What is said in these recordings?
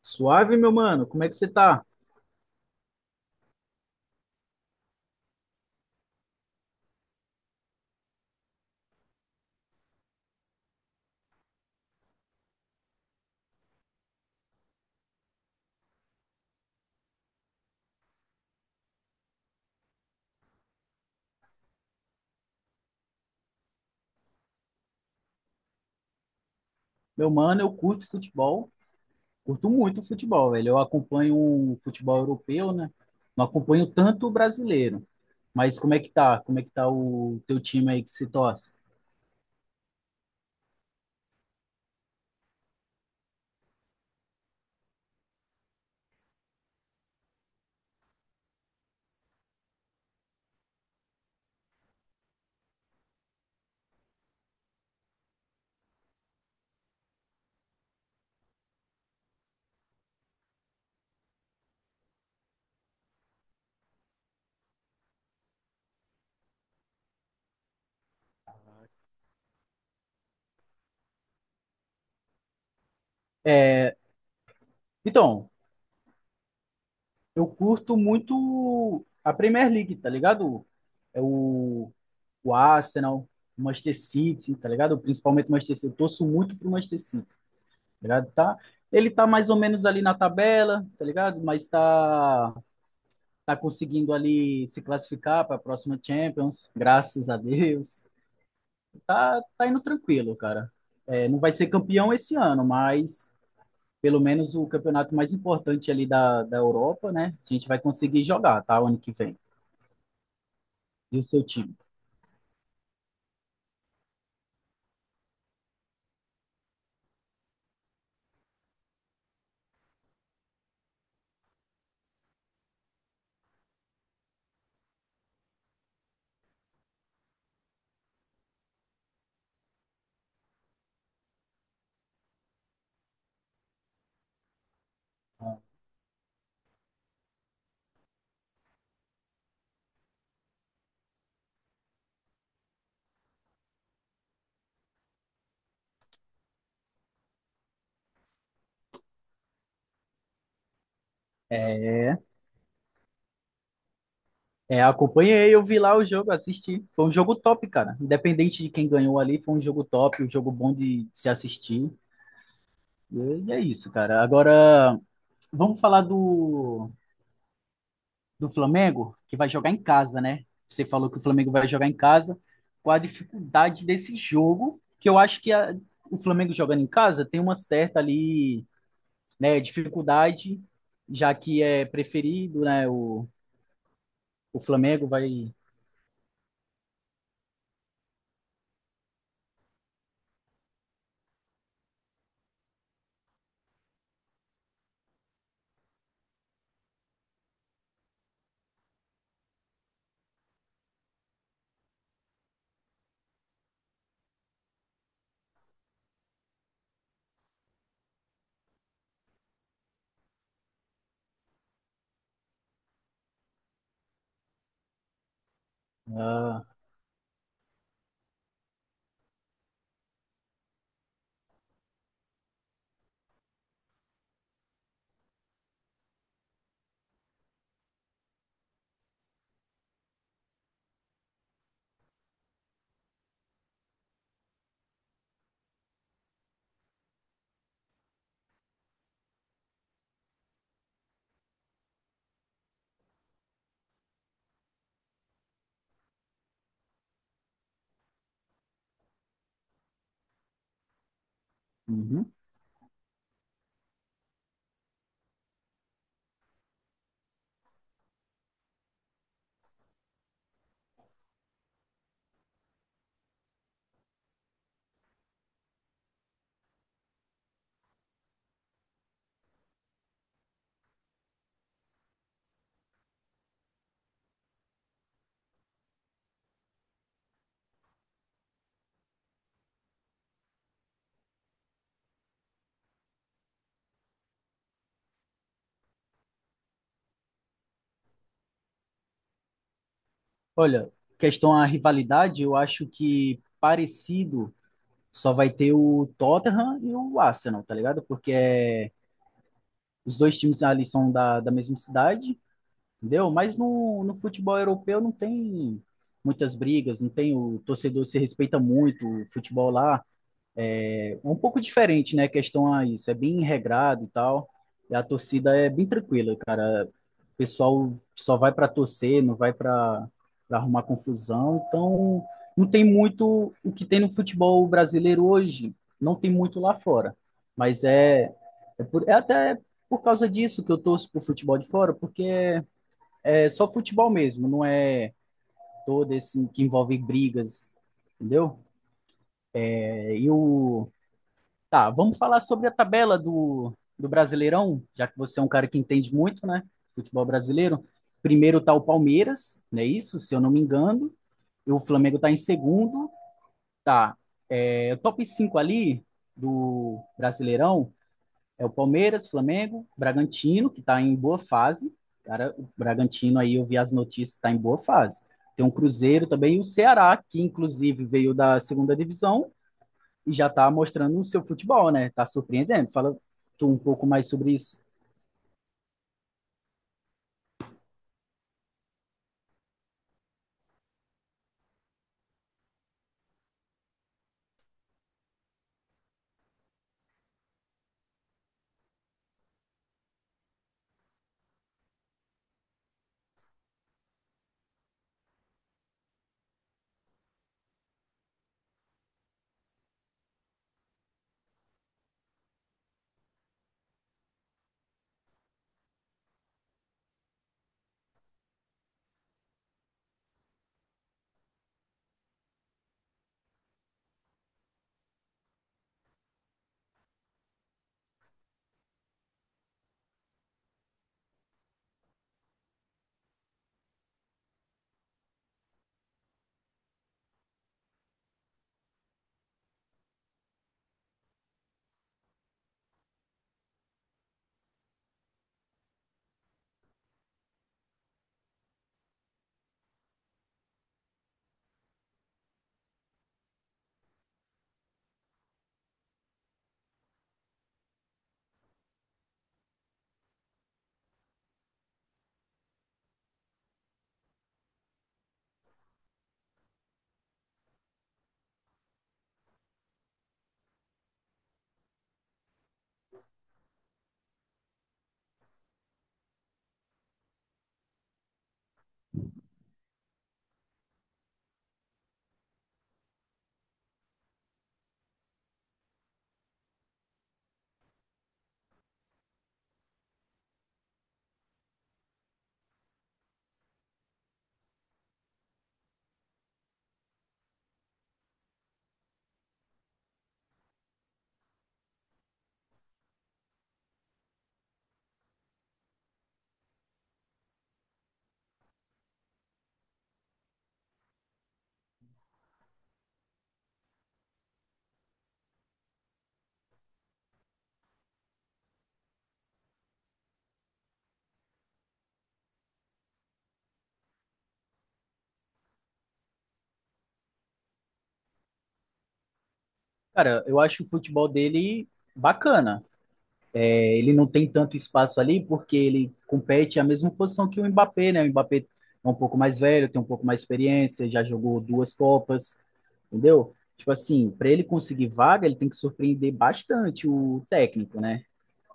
Suave, meu mano, como é que você tá? Meu mano, eu curto futebol, curto muito futebol, velho. Eu acompanho o futebol europeu, né? Não acompanho tanto o brasileiro. Mas como é que tá? Como é que tá o teu time aí que se torce? É, então, eu curto muito a Premier League, tá ligado? É o Arsenal, o Manchester City, tá ligado? Principalmente o Manchester City. Eu torço muito pro Manchester City, tá ligado? Tá, ele tá mais ou menos ali na tabela, tá ligado? Mas tá conseguindo ali se classificar para a próxima Champions, graças a Deus. Tá indo tranquilo, cara. É, não vai ser campeão esse ano, mas pelo menos o campeonato mais importante ali da Europa, né? A gente vai conseguir jogar, tá? O ano que vem. E o seu time? É, é, acompanhei, eu vi lá o jogo, assisti. Foi um jogo top, cara. Independente de quem ganhou ali, foi um jogo top, um jogo bom de se assistir. E é isso, cara. Agora, vamos falar do Flamengo, que vai jogar em casa, né? Você falou que o Flamengo vai jogar em casa. Qual a dificuldade desse jogo? Que eu acho que o Flamengo jogando em casa tem uma certa ali, né, dificuldade, já que é preferido, né? O Flamengo vai. Ah, uhum. Olha, questão à rivalidade, eu acho que parecido só vai ter o Tottenham e o Arsenal, tá ligado? Porque é, os dois times ali são da mesma cidade. Entendeu? Mas no futebol europeu não tem muitas brigas, não tem, o torcedor se respeita muito, o futebol lá é um pouco diferente, né? Questão a isso, é bem regrado e tal. E a torcida é bem tranquila, cara. O pessoal só vai para torcer, não vai para arrumar confusão. Então, não tem muito o que tem no futebol brasileiro hoje, não tem muito lá fora. Mas é até por causa disso que eu torço pro futebol de fora, porque é só futebol mesmo, não é todo esse que envolve brigas, entendeu? É, e o. Tá, vamos falar sobre a tabela do Brasileirão, já que você é um cara que entende muito, né? Futebol brasileiro. Primeiro tá o Palmeiras, não é isso? Se eu não me engano. E o Flamengo tá em segundo. Tá. É, o top 5 ali do Brasileirão é o Palmeiras, Flamengo, Bragantino, que está em boa fase. Cara, o Bragantino aí eu vi as notícias, está em boa fase. Tem um Cruzeiro também e o Ceará, que inclusive veio da segunda divisão e já está mostrando o seu futebol, né? Está surpreendendo. Fala tu um pouco mais sobre isso. Cara, eu acho o futebol dele bacana. É, ele não tem tanto espaço ali porque ele compete a mesma posição que o Mbappé, né? O Mbappé é um pouco mais velho, tem um pouco mais de experiência, já jogou duas Copas, entendeu? Tipo assim, para ele conseguir vaga, ele tem que surpreender bastante o técnico, né?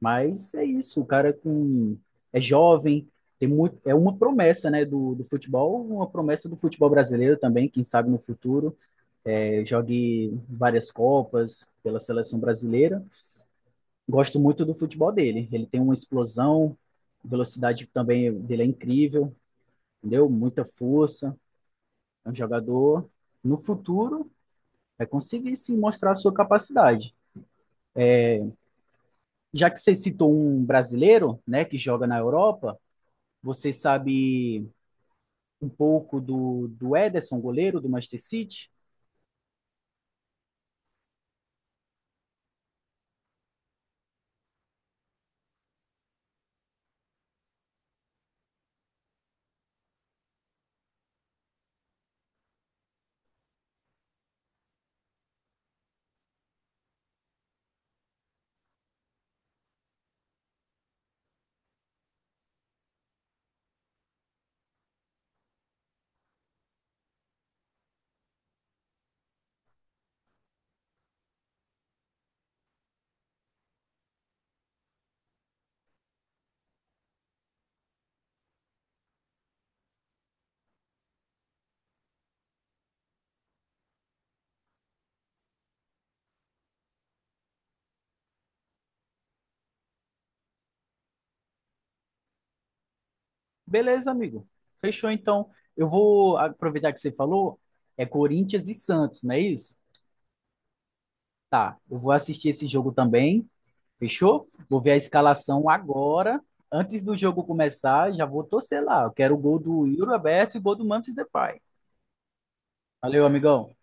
Mas é isso, o cara é com é jovem, tem muito, é uma promessa, né, do futebol, uma promessa do futebol brasileiro também, quem sabe no futuro, é, jogue várias copas pela seleção brasileira. Gosto muito do futebol dele, ele tem uma explosão, velocidade também dele é incrível, entendeu? Muita força, é um jogador no futuro vai conseguir sim mostrar a sua capacidade. Já que você citou um brasileiro, né, que joga na Europa, você sabe um pouco do Ederson, goleiro do Manchester City? Beleza, amigo. Fechou, então. Eu vou aproveitar que você falou, é Corinthians e Santos, não é isso? Tá, eu vou assistir esse jogo também, fechou? Vou ver a escalação agora, antes do jogo começar, já vou torcer lá. Eu quero o gol do Yuri Alberto e o gol do Memphis Depay. Valeu, amigão.